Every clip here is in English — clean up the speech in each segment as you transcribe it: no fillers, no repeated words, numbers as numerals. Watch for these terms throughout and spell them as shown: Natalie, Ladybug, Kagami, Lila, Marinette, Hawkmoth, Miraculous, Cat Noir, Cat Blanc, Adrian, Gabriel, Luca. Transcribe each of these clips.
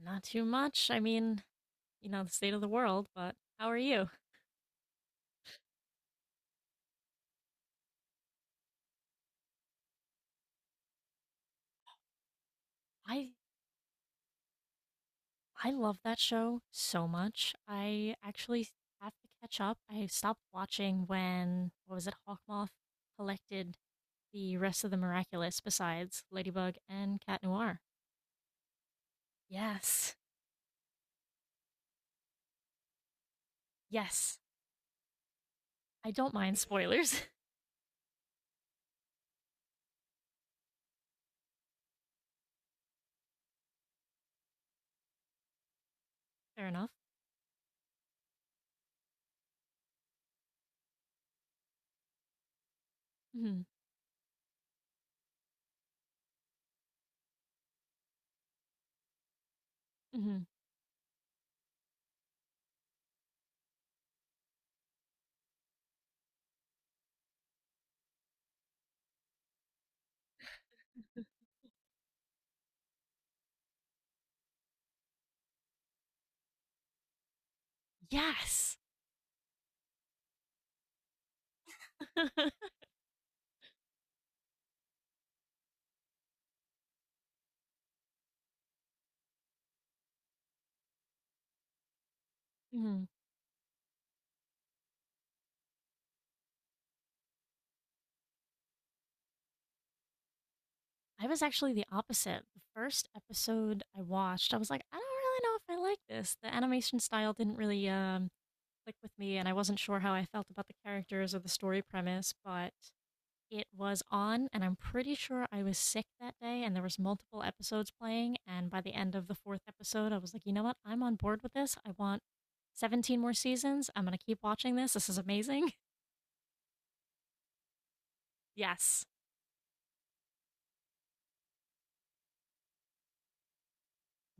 Not too much. The state of the world, but how are you? I I love that show so much. I actually have to catch up. I stopped watching when what was it, Hawkmoth collected the rest of the Miraculous besides Ladybug and Cat Noir. Yes. Yes, I don't mind spoilers. Fair enough. Hmm. Hmm. Yes. Mhm. I was actually the opposite. The first episode I watched, I was like, I don't really know if I like this. The animation style didn't really click with me, and I wasn't sure how I felt about the characters or the story premise, but it was on, and I'm pretty sure I was sick that day, and there was multiple episodes playing, and by the end of the fourth episode, I was like, you know what? I'm on board with this. I want 17 more seasons. I'm going to keep watching this. This is amazing. Yes.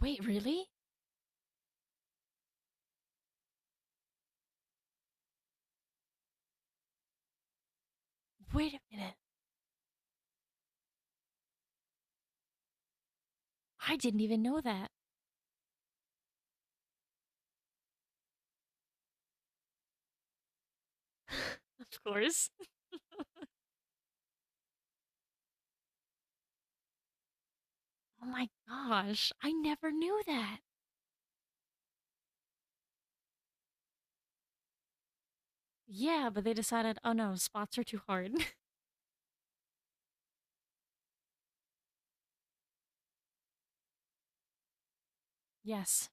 Wait, really? Wait a minute. I didn't even know that. Of course. Oh my gosh, I never knew that. Yeah, but they decided, oh no, spots are too hard. Yes.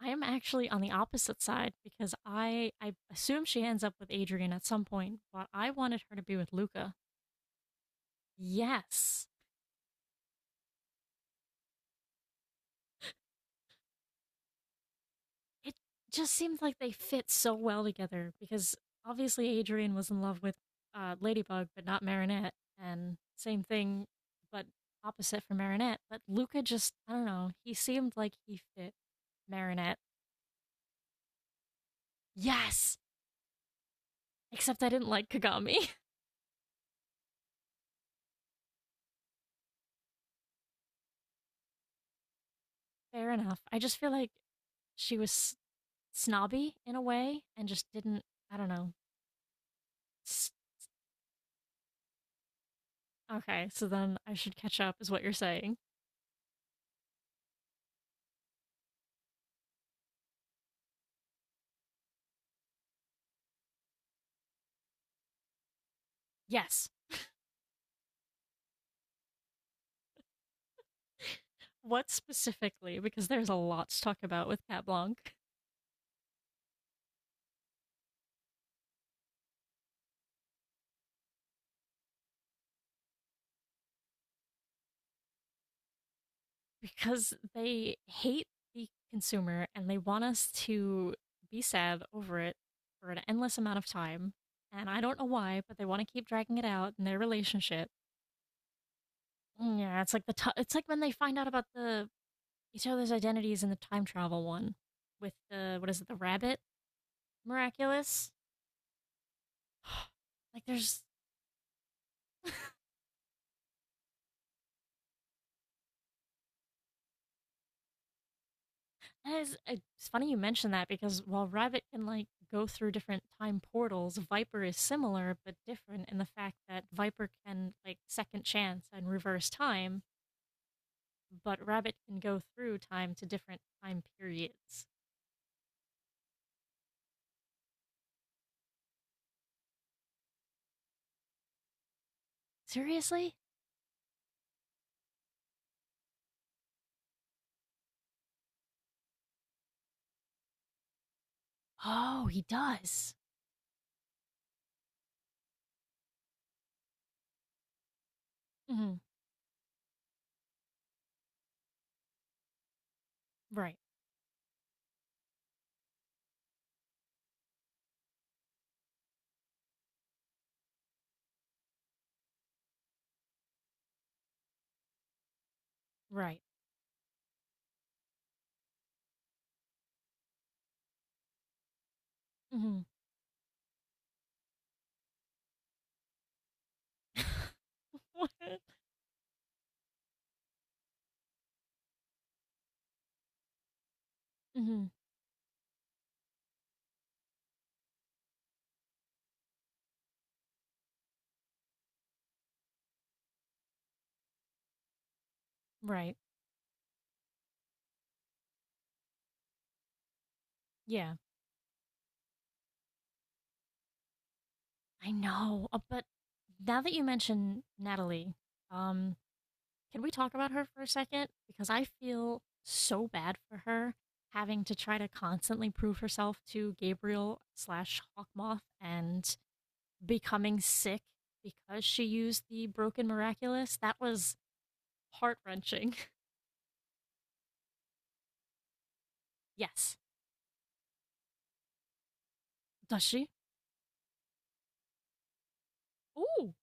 I am actually on the opposite side because I assume she ends up with Adrian at some point, but I wanted her to be with Luca. Yes. It just seemed like they fit so well together because obviously Adrian was in love with Ladybug but not Marinette, and same thing but opposite for Marinette, but Luca just, I don't know, he seemed like he fit Marinette. Yes. Except I didn't like Kagami. Fair enough. I just feel like she was snobby in a way and just didn't, I don't know. Okay, so then I should catch up, is what you're saying. Yes. What specifically? Because there's a lot to talk about with Cat Blanc. Because they hate the consumer and they want us to be sad over it for an endless amount of time. And I don't know why, but they want to keep dragging it out in their relationship. Yeah, it's like it's like when they find out about the each other's identities in the time travel one with the, what is it, the rabbit miraculous. Like there's, and it's, funny you mention that because while rabbit can like go through different time portals, viper is similar but different in the fact that viper can like second chance and reverse time, but rabbit can go through time to different time periods. Seriously? Oh, he does? Hmm. Right. Right. Hmm. Hmm. Right. Yeah, I know, but now that you mention Natalie, um, can we talk about her for a second? Because I feel so bad for her having to try to constantly prove herself to Gabriel slash Hawkmoth, and becoming sick because she used the broken miraculous. That was heart wrenching. Yes. Does she? Ooh.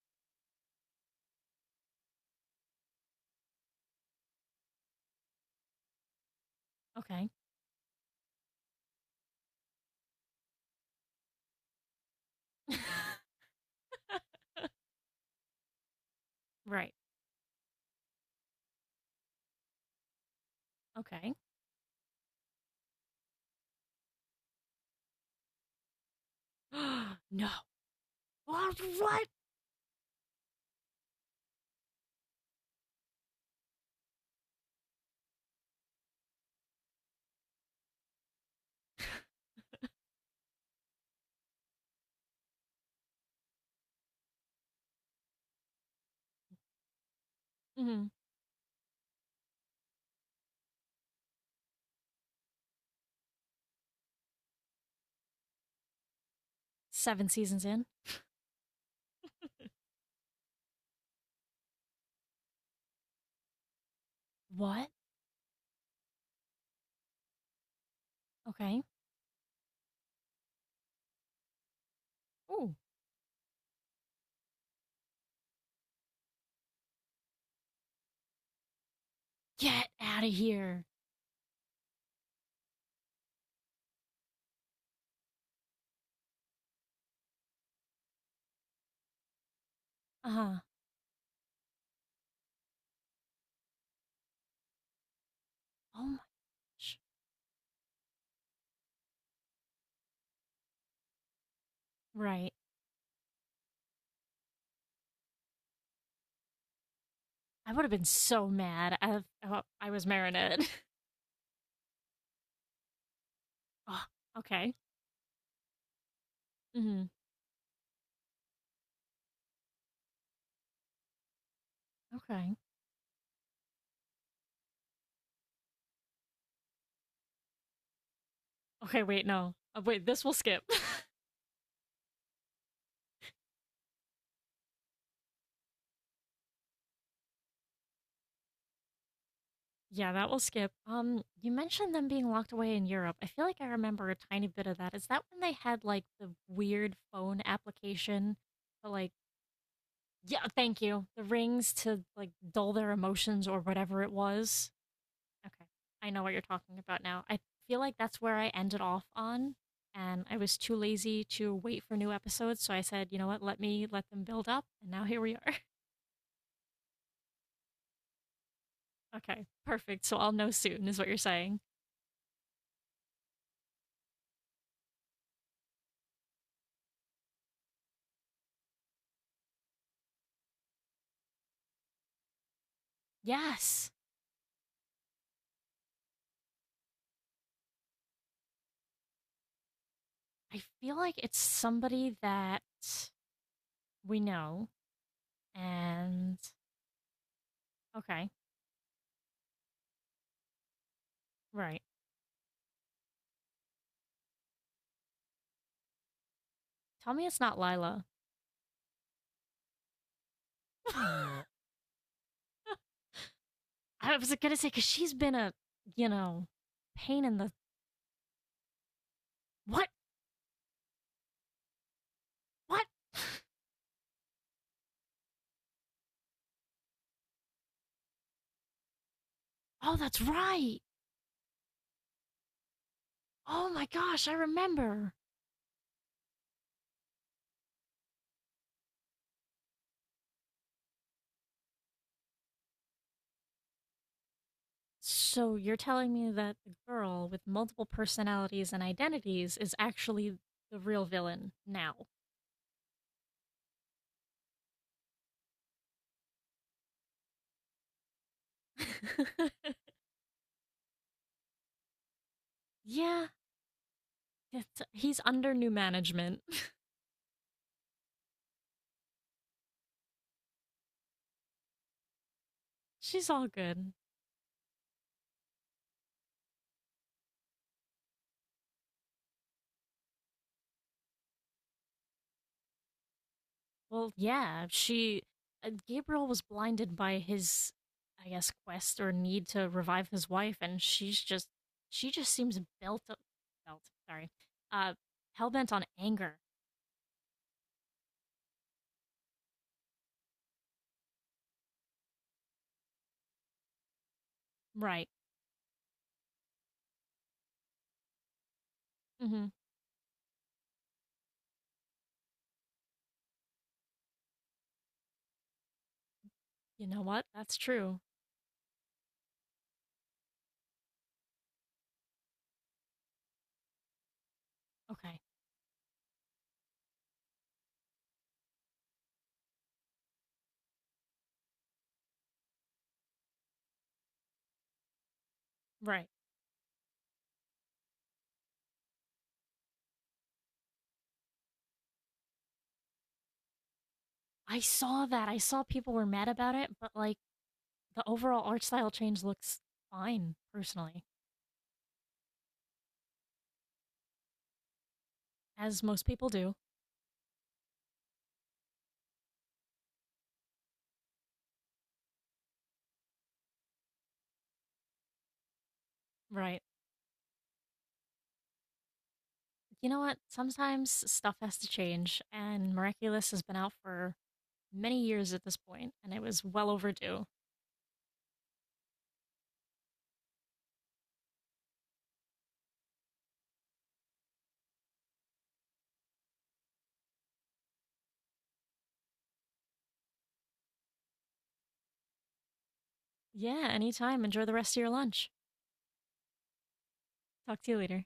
Okay. Right. Okay. No. What? What? Mhm. Seven seasons in. What? Okay. Oh, get out of here. Uh huh. Oh my gosh. Right. I would have been so mad. I, oh, I was marinated. Oh, okay. Hmm. Okay. Okay. Wait. No. Wait. This will skip. Yeah, that will skip. You mentioned them being locked away in Europe. I feel like I remember a tiny bit of that. Is that when they had like the weird phone application? But like, yeah. Thank you. The rings to like dull their emotions or whatever it was. Okay. I know what you're talking about now. I feel like that's where I ended off on, and I was too lazy to wait for new episodes, so I said, "You know what? Let me let them build up." And now here we are. Okay. Perfect. So I'll know soon is what you're saying. Yes. I feel like it's somebody that we know and okay. Right. Tell me it's not Lila. I was going to say cuz she's been a, you know, pain in the— What? What? Oh, that's right. Oh my gosh, I remember. So you're telling me that the girl with multiple personalities and identities is actually the real villain now. Yeah, it's- he's under new management. She's all good. Well, yeah, she. Gabriel was blinded by his, I guess, quest or need to revive his wife, and she's just. She just seems built Up, belt, sorry. Uh, hellbent on anger. Right. Mm hmm. You know what? That's true. Okay. Right. I saw that. I saw people were mad about it, but like the overall art style change looks fine, personally, as most people do. Right. You know what? Sometimes stuff has to change, and Miraculous has been out for many years at this point, and it was well overdue. Yeah, anytime. Enjoy the rest of your lunch. Talk to you later.